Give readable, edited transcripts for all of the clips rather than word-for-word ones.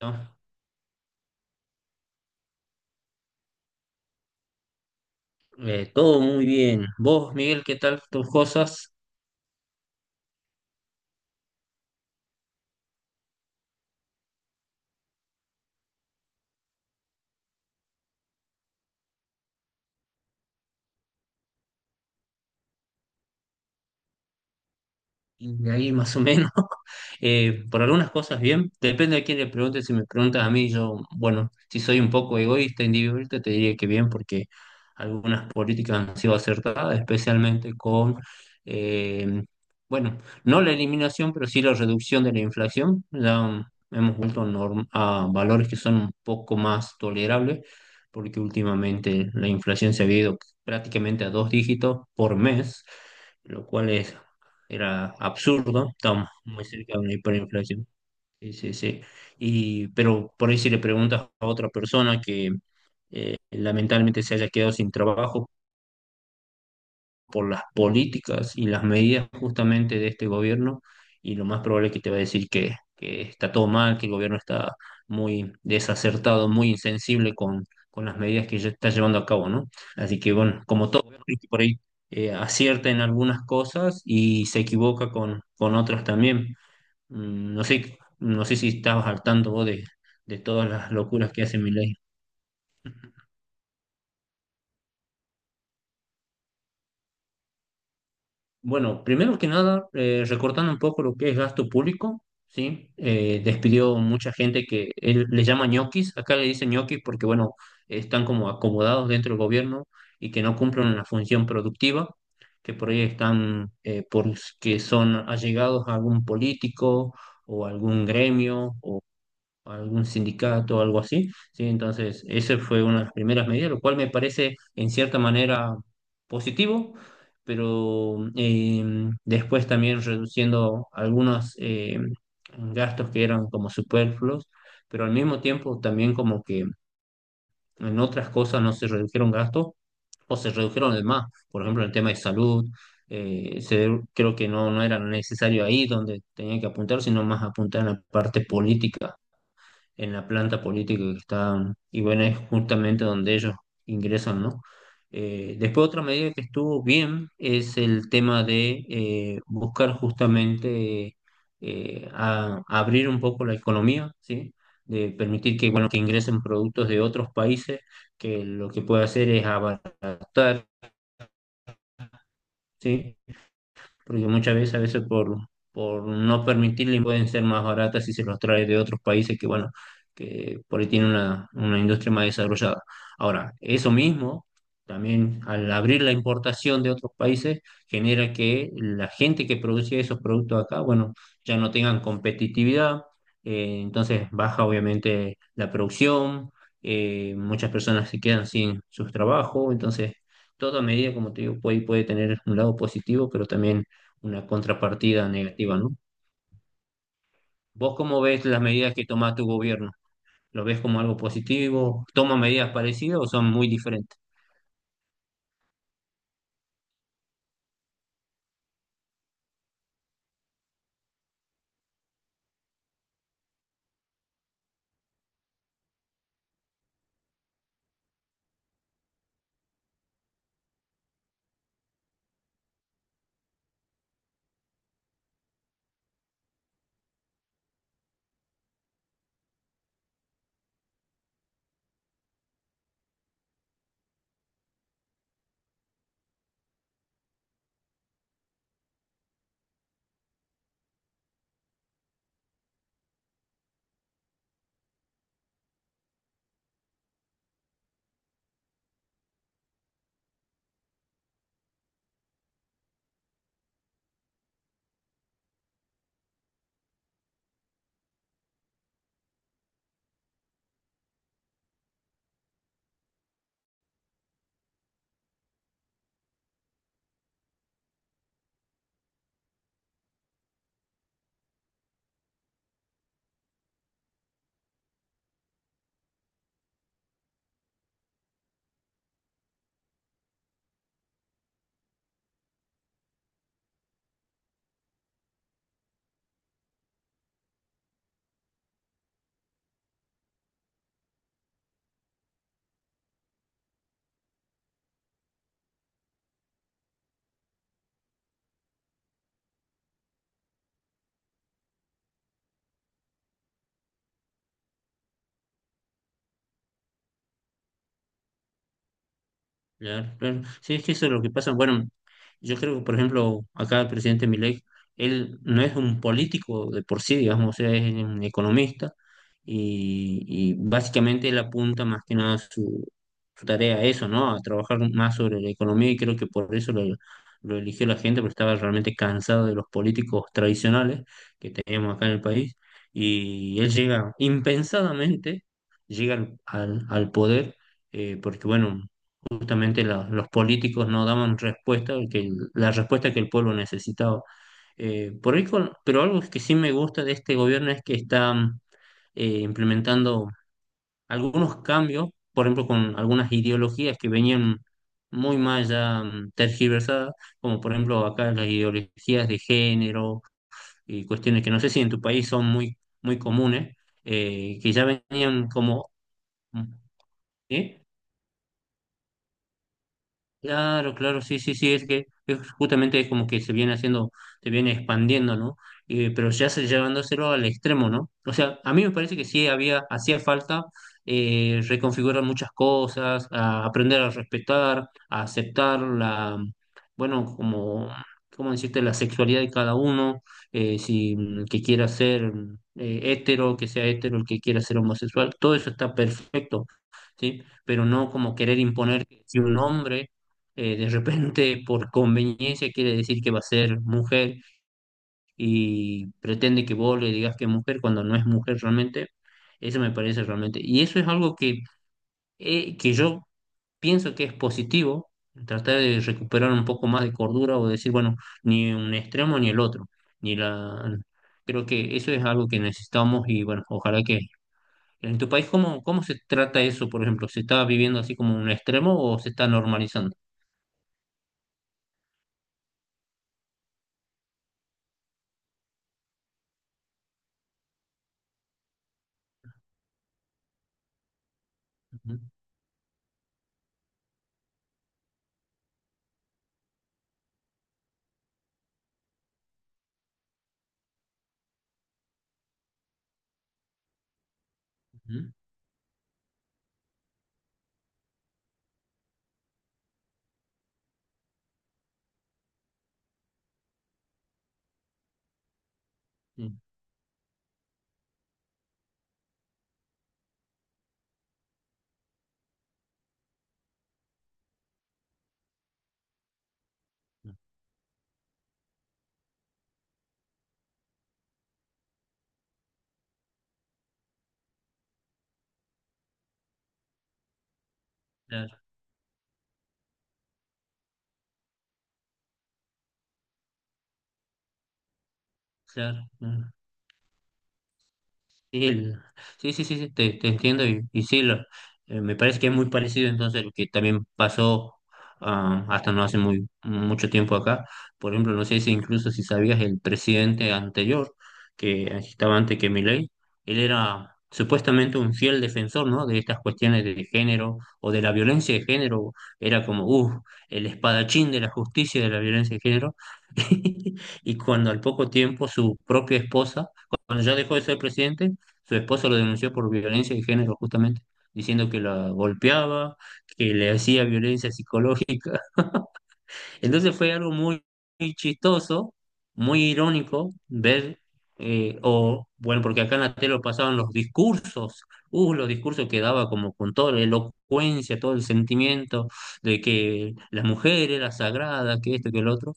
¿No? Todo muy bien. Vos, Miguel, ¿qué tal tus cosas? Y de ahí más o menos. Por algunas cosas bien, depende de quién le pregunte. Si me preguntas a mí, yo, bueno, si soy un poco egoísta, individualista, te diría que bien, porque algunas políticas han sido acertadas, especialmente con, eh, bueno, no la eliminación, pero sí la reducción de la inflación. Ya hemos vuelto a valores que son un poco más tolerables, porque últimamente la inflación se ha ido prácticamente a dos dígitos por mes, lo cual es era absurdo, estamos muy cerca de una hiperinflación. Sí, sí, sí. Pero por ahí si le preguntas a otra persona que lamentablemente se haya quedado sin trabajo, por las políticas y las medidas justamente de este gobierno, y lo más probable es que te va a decir que está todo mal, que el gobierno está muy desacertado, muy insensible con las medidas que ya está llevando a cabo, ¿no? Así que bueno, como todo gobierno, viste, por ahí acierta en algunas cosas y se equivoca con otras también. No sé si estabas al tanto vos de todas las locuras que hace mi Bueno, primero que nada, recortando un poco lo que es gasto público, ¿sí? Despidió mucha gente que él le llama ñoquis. Acá le dicen ñoquis porque, bueno, están como acomodados dentro del gobierno y que no cumplen una función productiva, que por ahí están, porque son allegados a algún político o algún gremio, algún sindicato o algo así, ¿sí? Entonces, esa fue una de las primeras medidas, lo cual me parece en cierta manera positivo, pero después también reduciendo algunos gastos que eran como superfluos, pero al mismo tiempo también como que en otras cosas no se redujeron gastos o se redujeron de más, por ejemplo, en el tema de salud. Creo que no, no era necesario ahí donde tenía que apuntar, sino más apuntar en la parte política, en la planta política que está, y bueno, es justamente donde ellos ingresan, ¿no? Después otra medida que estuvo bien es el tema de buscar justamente abrir un poco la economía, ¿sí? De permitir que, bueno, que ingresen productos de otros países, que lo que puede hacer es abaratar, ¿sí? Porque muchas veces, a veces por no permitirle, pueden ser más baratas si se los trae de otros países que, bueno, que por ahí tienen una industria más desarrollada. Ahora, eso mismo, también al abrir la importación de otros países, genera que la gente que producía esos productos acá, bueno, ya no tengan competitividad. Entonces baja obviamente la producción, muchas personas se quedan sin sus trabajos. Entonces, toda medida, como te digo, puede, puede tener un lado positivo, pero también una contrapartida negativa, ¿no? ¿Vos cómo ves las medidas que toma tu gobierno? ¿Lo ves como algo positivo? ¿Toma medidas parecidas o son muy diferentes? Claro, claro. Sí, es que eso es lo que pasa. Bueno, yo creo que, por ejemplo, acá el presidente Milei, él no es un político de por sí, digamos, o sea, es un economista, y básicamente él apunta más que nada su, su tarea a eso, ¿no? A trabajar más sobre la economía, y creo que por eso lo eligió la gente, porque estaba realmente cansado de los políticos tradicionales que tenemos acá en el país, y él llega impensadamente, llega al poder, porque bueno, justamente los políticos no daban respuesta, que la respuesta que el pueblo necesitaba. Por ahí pero algo que sí me gusta de este gobierno es que está implementando algunos cambios, por ejemplo, con algunas ideologías que venían muy mal ya tergiversadas, como por ejemplo acá las ideologías de género y cuestiones que no sé si en tu país son muy, muy comunes, que ya venían como... ¿sí? Claro, claro, sí, sí, sí, es que es justamente es como que se viene haciendo, se viene expandiendo, ¿no? Pero ya se llevándoselo al extremo, ¿no? O sea, a mí me parece que sí había, hacía falta reconfigurar muchas cosas, a aprender a respetar, a aceptar bueno, como, ¿cómo decirte? La sexualidad de cada uno. Si mm, que quiera ser hétero, que sea hetero; el que quiera ser homosexual, todo eso está perfecto, ¿sí? Pero no como querer imponer que si un hombre, de repente por conveniencia, quiere decir que va a ser mujer y pretende que vos le digas que es mujer cuando no es mujer realmente. Eso me parece realmente. Y eso es algo que yo pienso que es positivo, tratar de recuperar un poco más de cordura o decir, bueno, ni un extremo ni el otro. Ni la... Creo que eso es algo que necesitamos, y bueno, ojalá que... En tu país, ¿cómo se trata eso, por ejemplo? ¿Se está viviendo así como un extremo o se está normalizando? Ujú, ujú, sí. Claro. Claro. Ujú. Sí, sí, sí, sí, sí, te entiendo. Y sí, me parece que es muy parecido entonces lo que también pasó hasta no hace muy mucho tiempo acá. Por ejemplo, no sé si incluso si sabías, el presidente anterior, que estaba antes que Milei, él era supuestamente un fiel defensor, ¿no?, de estas cuestiones de género o de la violencia de género. Era como, el espadachín de la justicia y de la violencia de género. Y cuando al poco tiempo su propia esposa, cuando ya dejó de ser presidente, su esposo lo denunció por violencia de género, justamente, diciendo que la golpeaba, que le hacía violencia psicológica. Entonces fue algo muy, muy chistoso, muy irónico ver, o bueno, porque acá en la tele lo pasaban los discursos que daba como con toda la elocuencia, todo el sentimiento de que la mujer era sagrada, que esto, que el otro.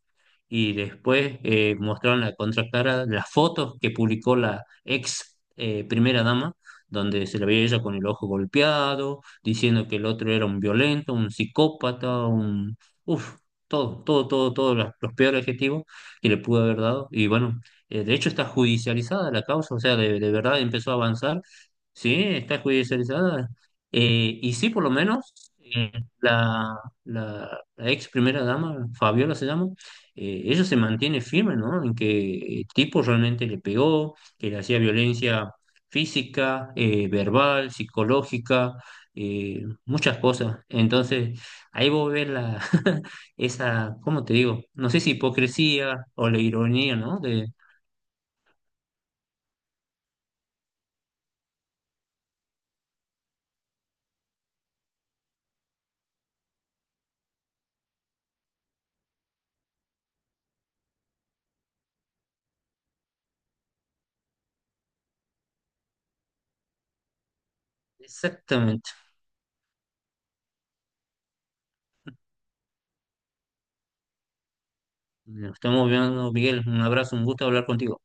Y después mostraron la contracara, las fotos que publicó la ex primera dama, donde se la veía ella con el ojo golpeado, diciendo que el otro era un violento, un psicópata, uf, todo, todo, todo, todos los peores adjetivos que le pudo haber dado. Y bueno, de hecho está judicializada la causa, o sea, de verdad empezó a avanzar. Sí, está judicializada. Y sí, por lo menos eh, la, la ex primera dama, Fabiola se llama, ella se mantiene firme, ¿no? En que el tipo realmente le pegó, que le hacía violencia física, verbal, psicológica, muchas cosas. Entonces, ahí vos ves esa, ¿cómo te digo? No sé si hipocresía o la ironía, ¿no? Exactamente. Nos estamos viendo, Miguel. Un abrazo, un gusto hablar contigo.